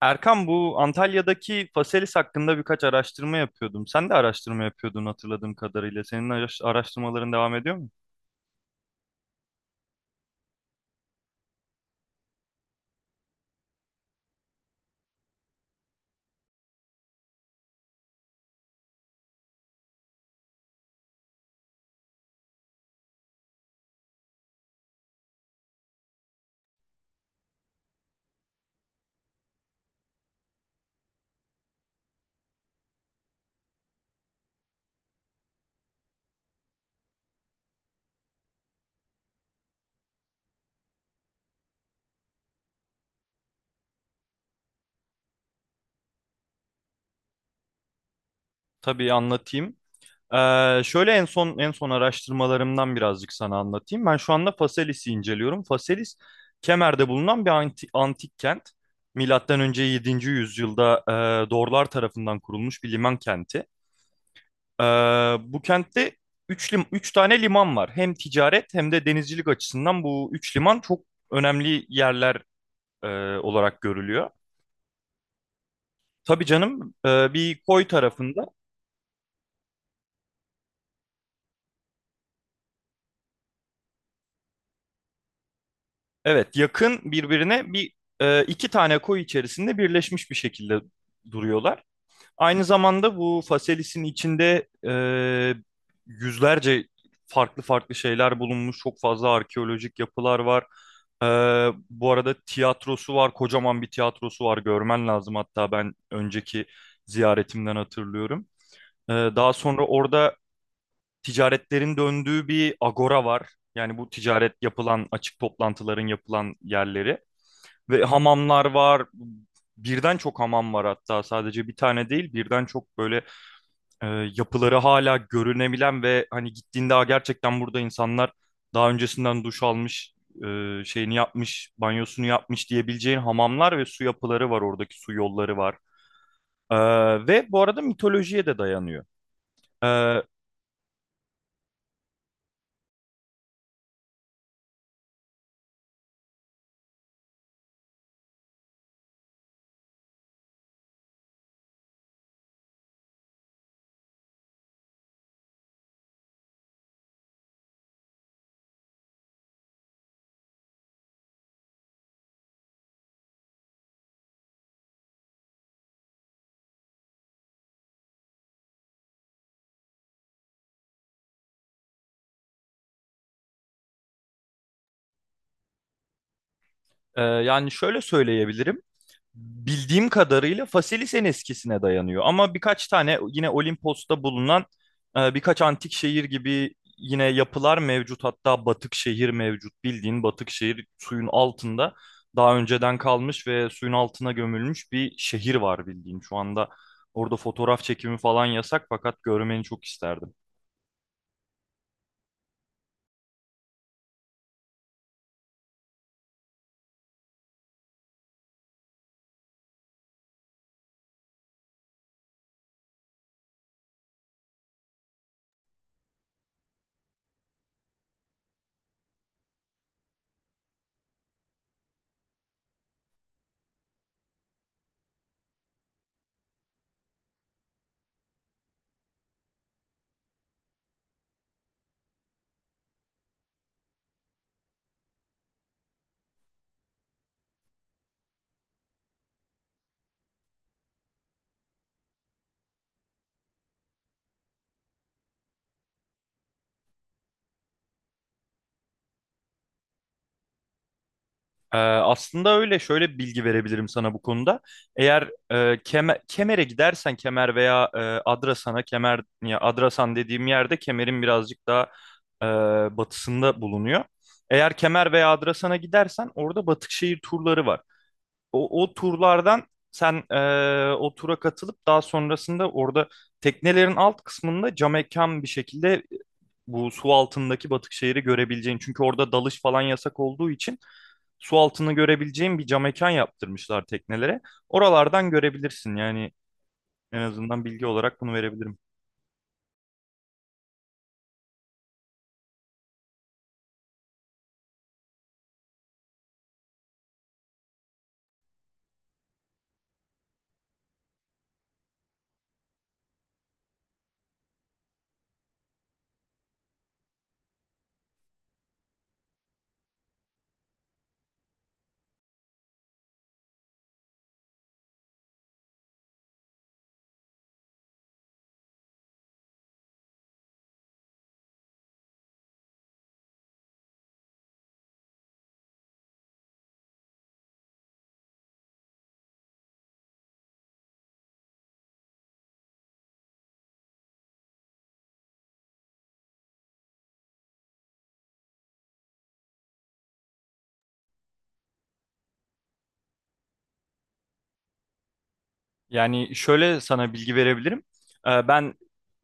Erkan, bu Antalya'daki Faselis hakkında birkaç araştırma yapıyordum. Sen de araştırma yapıyordun hatırladığım kadarıyla. Senin araştırmaların devam ediyor mu? Tabii anlatayım. Şöyle en son araştırmalarımdan birazcık sana anlatayım. Ben şu anda Faselis'i inceliyorum. Faselis Kemer'de bulunan bir antik kent. Milattan önce yedinci yüzyılda Dorlar tarafından kurulmuş bir liman kenti. Ee, bu kentte 3 lim 3 tane liman var. Hem ticaret hem de denizcilik açısından bu 3 liman çok önemli yerler e, olarak görülüyor. Tabii canım, bir koy tarafında. Evet, yakın birbirine. İki tane koy içerisinde birleşmiş bir şekilde duruyorlar. Aynı zamanda bu Faselis'in içinde yüzlerce farklı farklı şeyler bulunmuş. Çok fazla arkeolojik yapılar var. E, bu arada tiyatrosu var. Kocaman bir tiyatrosu var. Görmen lazım, hatta ben önceki ziyaretimden hatırlıyorum. Daha sonra orada ticaretlerin döndüğü bir agora var. Yani bu ticaret yapılan, açık toplantıların yapılan yerleri. Ve hamamlar var. Birden çok hamam var, hatta sadece bir tane değil, birden çok böyle e, yapıları hala görünebilen ve hani gittiğinde, "Aa, gerçekten burada insanlar daha öncesinden duş almış, şeyini yapmış, banyosunu yapmış," diyebileceğin hamamlar ve su yapıları var, oradaki su yolları var. E, ve bu arada mitolojiye de dayanıyor. E, yani şöyle söyleyebilirim. Bildiğim kadarıyla Faselis'in eskisine dayanıyor. Ama birkaç tane yine Olimpos'ta bulunan birkaç antik şehir gibi yine yapılar mevcut. Hatta batık şehir mevcut. Bildiğin, batık şehir suyun altında daha önceden kalmış ve suyun altına gömülmüş bir şehir var, bildiğin. Şu anda orada fotoğraf çekimi falan yasak, fakat görmeni çok isterdim. Aslında öyle, şöyle bir bilgi verebilirim sana bu konuda. Eğer Kemer'e gidersen, Kemer veya Adrasan'a. Kemer ya Adrasan dediğim yerde, Kemer'in birazcık daha batısında bulunuyor. Eğer Kemer veya Adrasan'a gidersen orada Batıkşehir turları var. O turlardan sen o tura katılıp daha sonrasında orada teknelerin alt kısmında camekan bir şekilde bu su altındaki Batıkşehir'i görebileceğin. Çünkü orada dalış falan yasak olduğu için, su altını görebileceğin bir cam mekan yaptırmışlar teknelere. Oralardan görebilirsin yani, en azından bilgi olarak bunu verebilirim. Yani şöyle sana bilgi verebilirim. Ben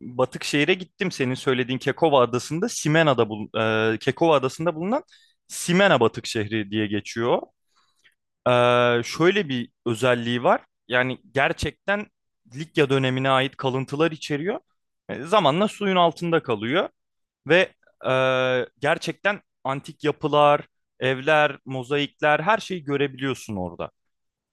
Batıkşehir'e gittim. Senin söylediğin Kekova Adası'nda Simena'da Kekova Adası'nda bulunan Simena Batık Şehri diye geçiyor. Şöyle bir özelliği var. Yani gerçekten Likya dönemine ait kalıntılar içeriyor. Zamanla suyun altında kalıyor. Ve e, gerçekten antik yapılar, evler, mozaikler, her şeyi görebiliyorsun orada.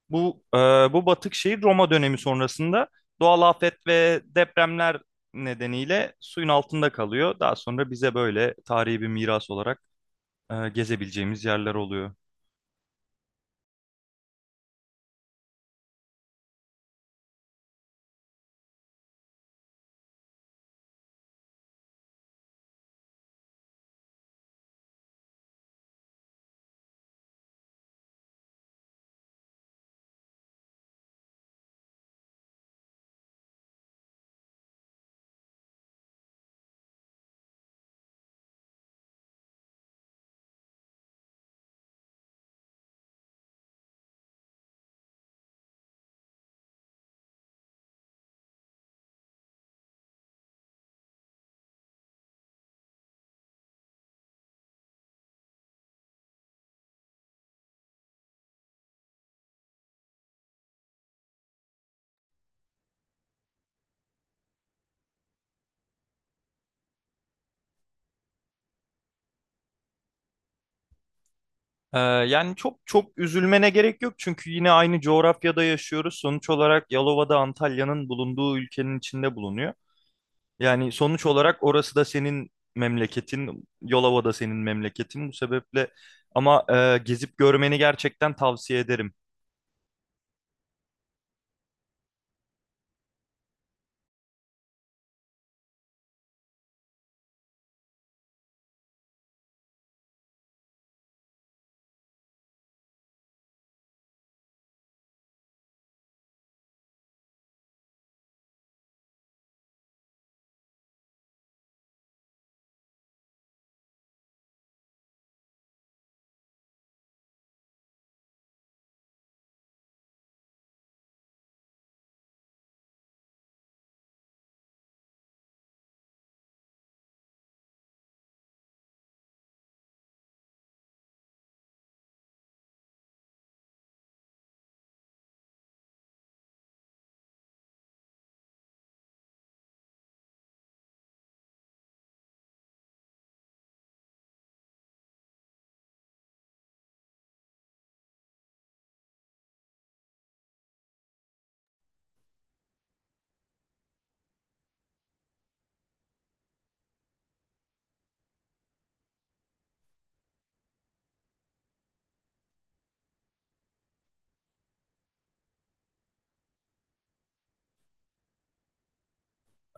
Bu e, bu batık şehir Roma dönemi sonrasında doğal afet ve depremler nedeniyle suyun altında kalıyor. Daha sonra bize böyle tarihi bir miras olarak gezebileceğimiz yerler oluyor. Yani çok çok üzülmene gerek yok, çünkü yine aynı coğrafyada yaşıyoruz. Sonuç olarak Yalova'da Antalya'nın bulunduğu ülkenin içinde bulunuyor. Yani sonuç olarak orası da senin memleketin, Yolova da senin memleketin. Bu sebeple, ama gezip görmeni gerçekten tavsiye ederim.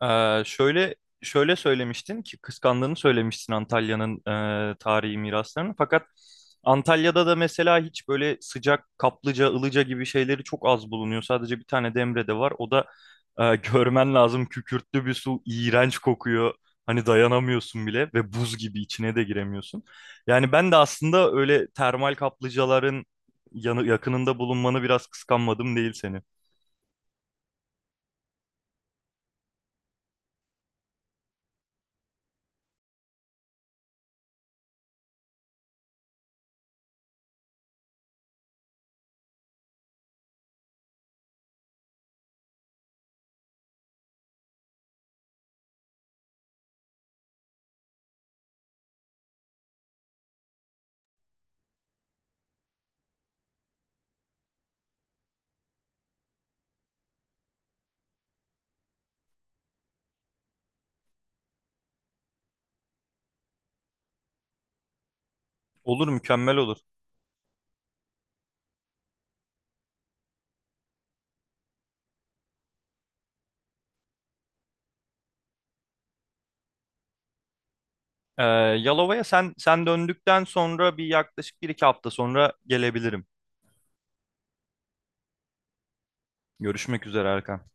Ee, şöyle şöyle söylemiştin ki, kıskandığını söylemiştin Antalya'nın tarihi miraslarını. Fakat Antalya'da da mesela hiç böyle sıcak kaplıca, ılıca gibi şeyleri çok az bulunuyor. Sadece bir tane Demre'de var. O da görmen lazım, kükürtlü bir su, iğrenç kokuyor. Hani dayanamıyorsun bile ve buz gibi, içine de giremiyorsun. Yani ben de aslında öyle termal kaplıcaların yakınında bulunmanı biraz kıskanmadım değil seni. Olur, mükemmel olur. Ee, Yalova'ya sen döndükten sonra yaklaşık bir iki hafta sonra gelebilirim. Görüşmek üzere, Erkan.